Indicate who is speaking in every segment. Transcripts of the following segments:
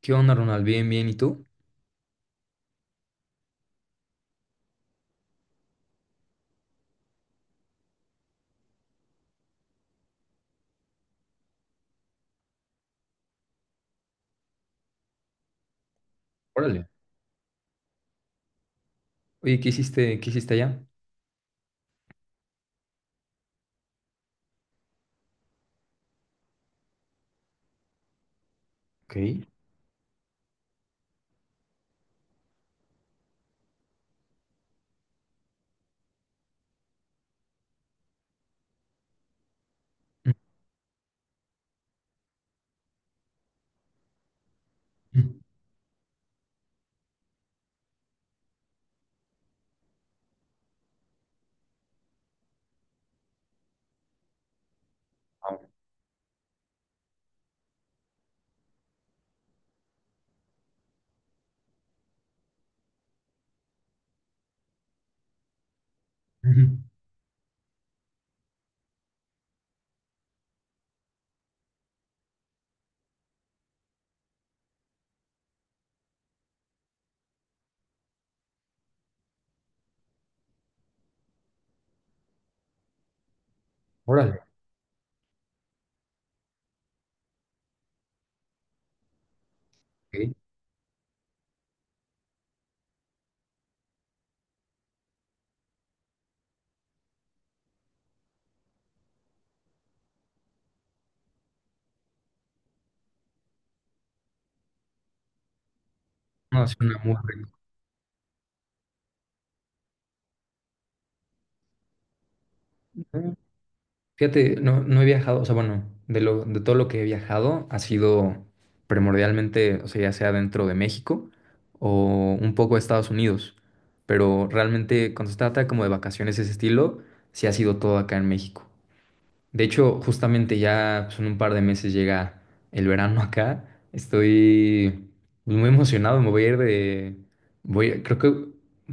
Speaker 1: ¿Qué onda, Ronald? Bien, bien. ¿Y tú? Órale. Oye, ¿qué hiciste allá? Ok. Ujú. Ah, ujú. Órale. Ok. No, suena muy rico. Eh, Fíjate, no, no he viajado. O sea, bueno, de todo lo que he viajado ha sido primordialmente, o sea, ya sea dentro de México o un poco de Estados Unidos, pero realmente cuando se trata como de vacaciones de ese estilo, sí ha sido todo acá en México. De hecho, justamente ya pues, en un par de meses llega el verano acá. Estoy pues, muy emocionado. Me voy a ir de... Voy, creo que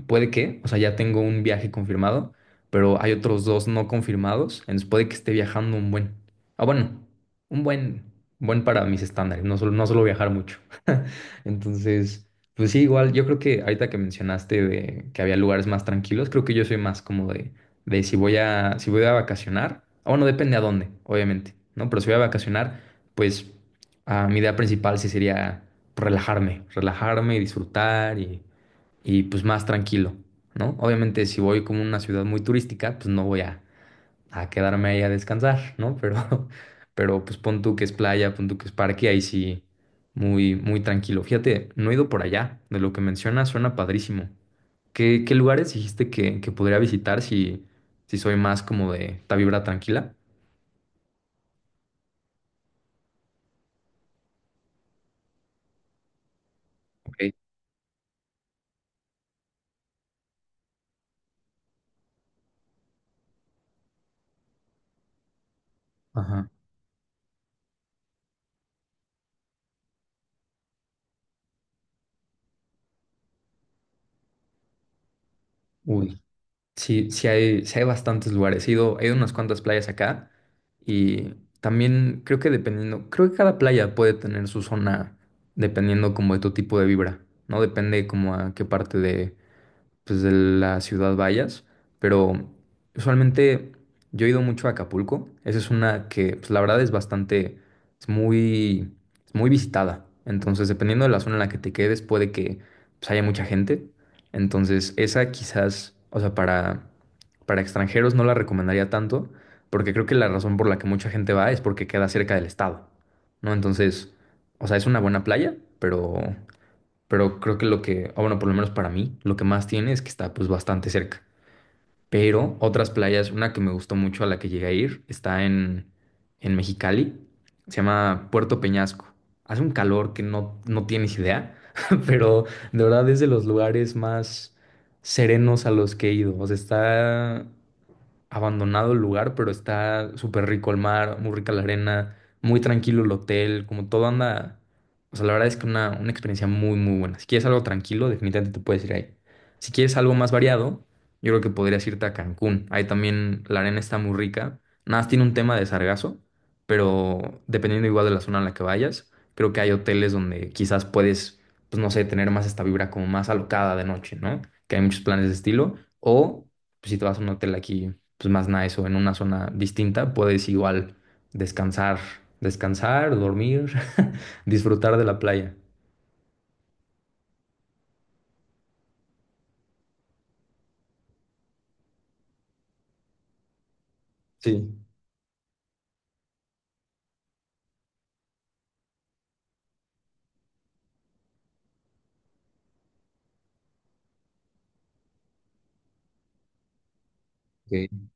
Speaker 1: puede que, o sea, ya tengo un viaje confirmado, pero hay otros dos no confirmados. Entonces puede que esté viajando un buen... Ah, bueno, un buen para mis estándares. No solo no suelo viajar mucho. Entonces, pues sí, igual, yo creo que ahorita que mencionaste de que había lugares más tranquilos, creo que yo soy más cómodo de si voy a vacacionar, o bueno, depende a dónde, obviamente, ¿no? Pero si voy a vacacionar, pues mi idea principal sí sería relajarme y disfrutar y pues más tranquilo, ¿no? Obviamente si voy como a una ciudad muy turística, pues no a quedarme ahí a descansar, ¿no? Pero, pero pues pon tú que es playa, pon tú que es parque, ahí sí, muy tranquilo. Fíjate, no he ido por allá, de lo que mencionas suena padrísimo. ¿Qué lugares dijiste que podría visitar si, si soy más como de esta vibra tranquila? Ok. Ajá. Uy, sí, sí hay bastantes lugares. He ido a unas cuantas playas acá y también creo que dependiendo, creo que cada playa puede tener su zona dependiendo como de tu tipo de vibra, ¿no? Depende como a qué parte de pues, de la ciudad vayas, pero usualmente yo he ido mucho a Acapulco. Esa es una que, pues, la verdad es bastante, es muy, es muy visitada. Entonces, dependiendo de la zona en la que te quedes, puede que pues, haya mucha gente. Entonces, esa quizás, o sea, para extranjeros no la recomendaría tanto, porque creo que la razón por la que mucha gente va es porque queda cerca del estado, ¿no? Entonces, o sea, es una buena playa, pero creo que lo que, ah, bueno, por lo menos para mí, lo que más tiene es que está pues bastante cerca. Pero otras playas, una que me gustó mucho a la que llegué a ir, en Mexicali, se llama Puerto Peñasco. Hace un calor que no, no tienes idea, pero de verdad es de los lugares más serenos a los que he ido. O sea, está abandonado el lugar, pero está súper rico el mar, muy rica la arena, muy tranquilo el hotel, como todo anda. O sea, la verdad es que una experiencia muy, muy buena. Si quieres algo tranquilo, definitivamente te puedes ir ahí. Si quieres algo más variado, yo creo que podrías irte a Cancún. Ahí también la arena está muy rica. Nada más tiene un tema de sargazo, pero dependiendo igual de la zona en la que vayas, creo que hay hoteles donde quizás puedes, pues no sé, tener más esta vibra como más alocada de noche, ¿no? Que hay muchos planes de estilo. O pues, si te vas a un hotel aquí pues más nice o en una zona distinta, puedes igual descansar, descansar, dormir, disfrutar de la playa. Sí. Ok.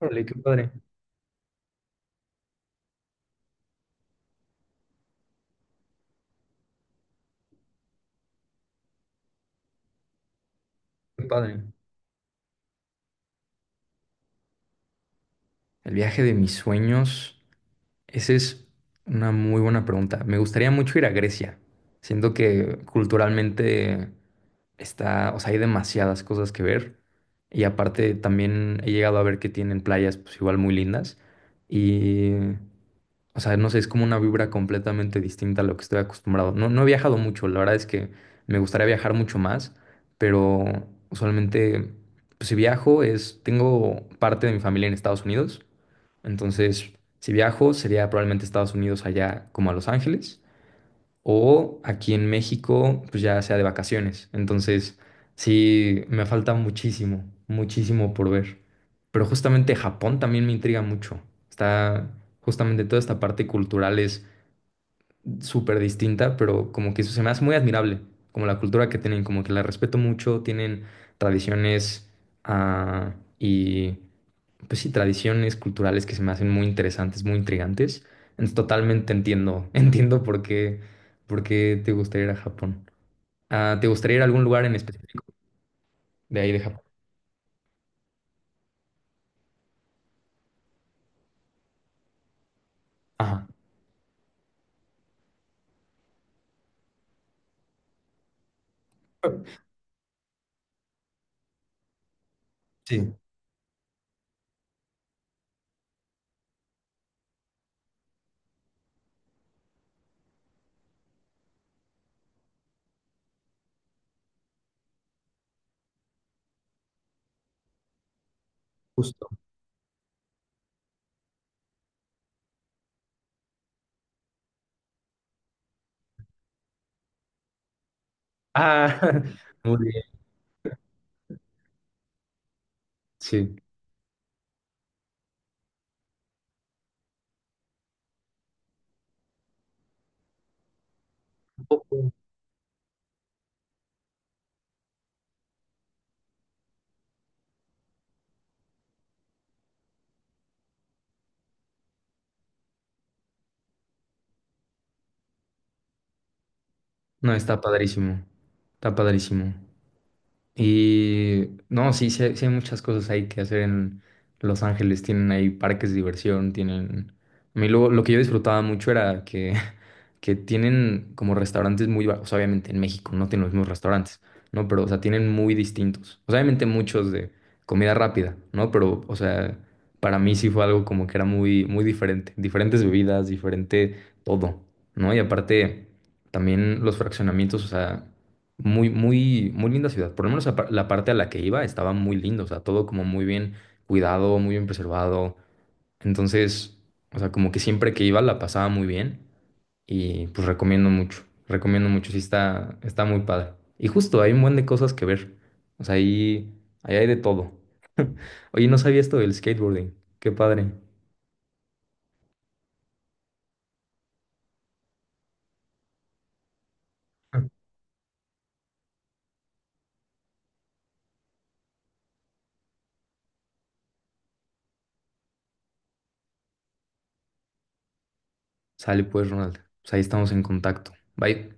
Speaker 1: Órale, qué padre, qué padre. El viaje de mis sueños, esa es una muy buena pregunta. Me gustaría mucho ir a Grecia. Siento que culturalmente está, o sea, hay demasiadas cosas que ver. Y aparte también he llegado a ver que tienen playas pues igual muy lindas. Y o sea, no sé, es como una vibra completamente distinta a lo que estoy acostumbrado. No, no he viajado mucho, la verdad es que me gustaría viajar mucho más, pero usualmente, pues, si viajo es, tengo parte de mi familia en Estados Unidos, entonces si viajo sería probablemente Estados Unidos allá como a Los Ángeles o aquí en México, pues ya sea de vacaciones. Entonces, sí, me falta muchísimo, muchísimo por ver. Pero justamente Japón también me intriga mucho. Está justamente toda esta parte cultural súper distinta, pero como que eso se me hace muy admirable, como la cultura que tienen, como que la respeto mucho, tienen tradiciones y pues sí, tradiciones culturales que se me hacen muy interesantes, muy intrigantes. Entonces, totalmente entiendo, entiendo por qué te gustaría ir a Japón. Ah, ¿te gustaría ir a algún lugar en específico de ahí de Japón? Ajá. Sí, justo. Ah, muy bien, sí. No, está padrísimo, está padrísimo. Y no, sí, sí hay muchas cosas ahí que hacer en Los Ángeles. Tienen ahí parques de diversión, tienen... A mí lo que yo disfrutaba mucho era que, que tienen como restaurantes muy... va- O sea, obviamente en México no tienen los mismos restaurantes, ¿no? Pero, o sea, tienen muy distintos. O sea, obviamente muchos de comida rápida, ¿no? Pero, o sea, para mí sí fue algo como que era muy, muy diferente. Diferentes bebidas, diferente todo, ¿no? Y aparte, también los fraccionamientos, o sea... Muy, muy, muy linda ciudad. Por lo menos par- la parte a la que iba estaba muy lindo. O sea, todo como muy bien cuidado, muy bien preservado. Entonces, o sea, como que siempre que iba la pasaba muy bien. Y pues recomiendo mucho. Recomiendo mucho. Sí, está, está muy padre. Y justo hay un buen de cosas que ver. O sea, ahí hay de todo. Oye, no sabía esto del skateboarding. Qué padre. Sale pues, Ronald. Pues ahí estamos en contacto. Bye.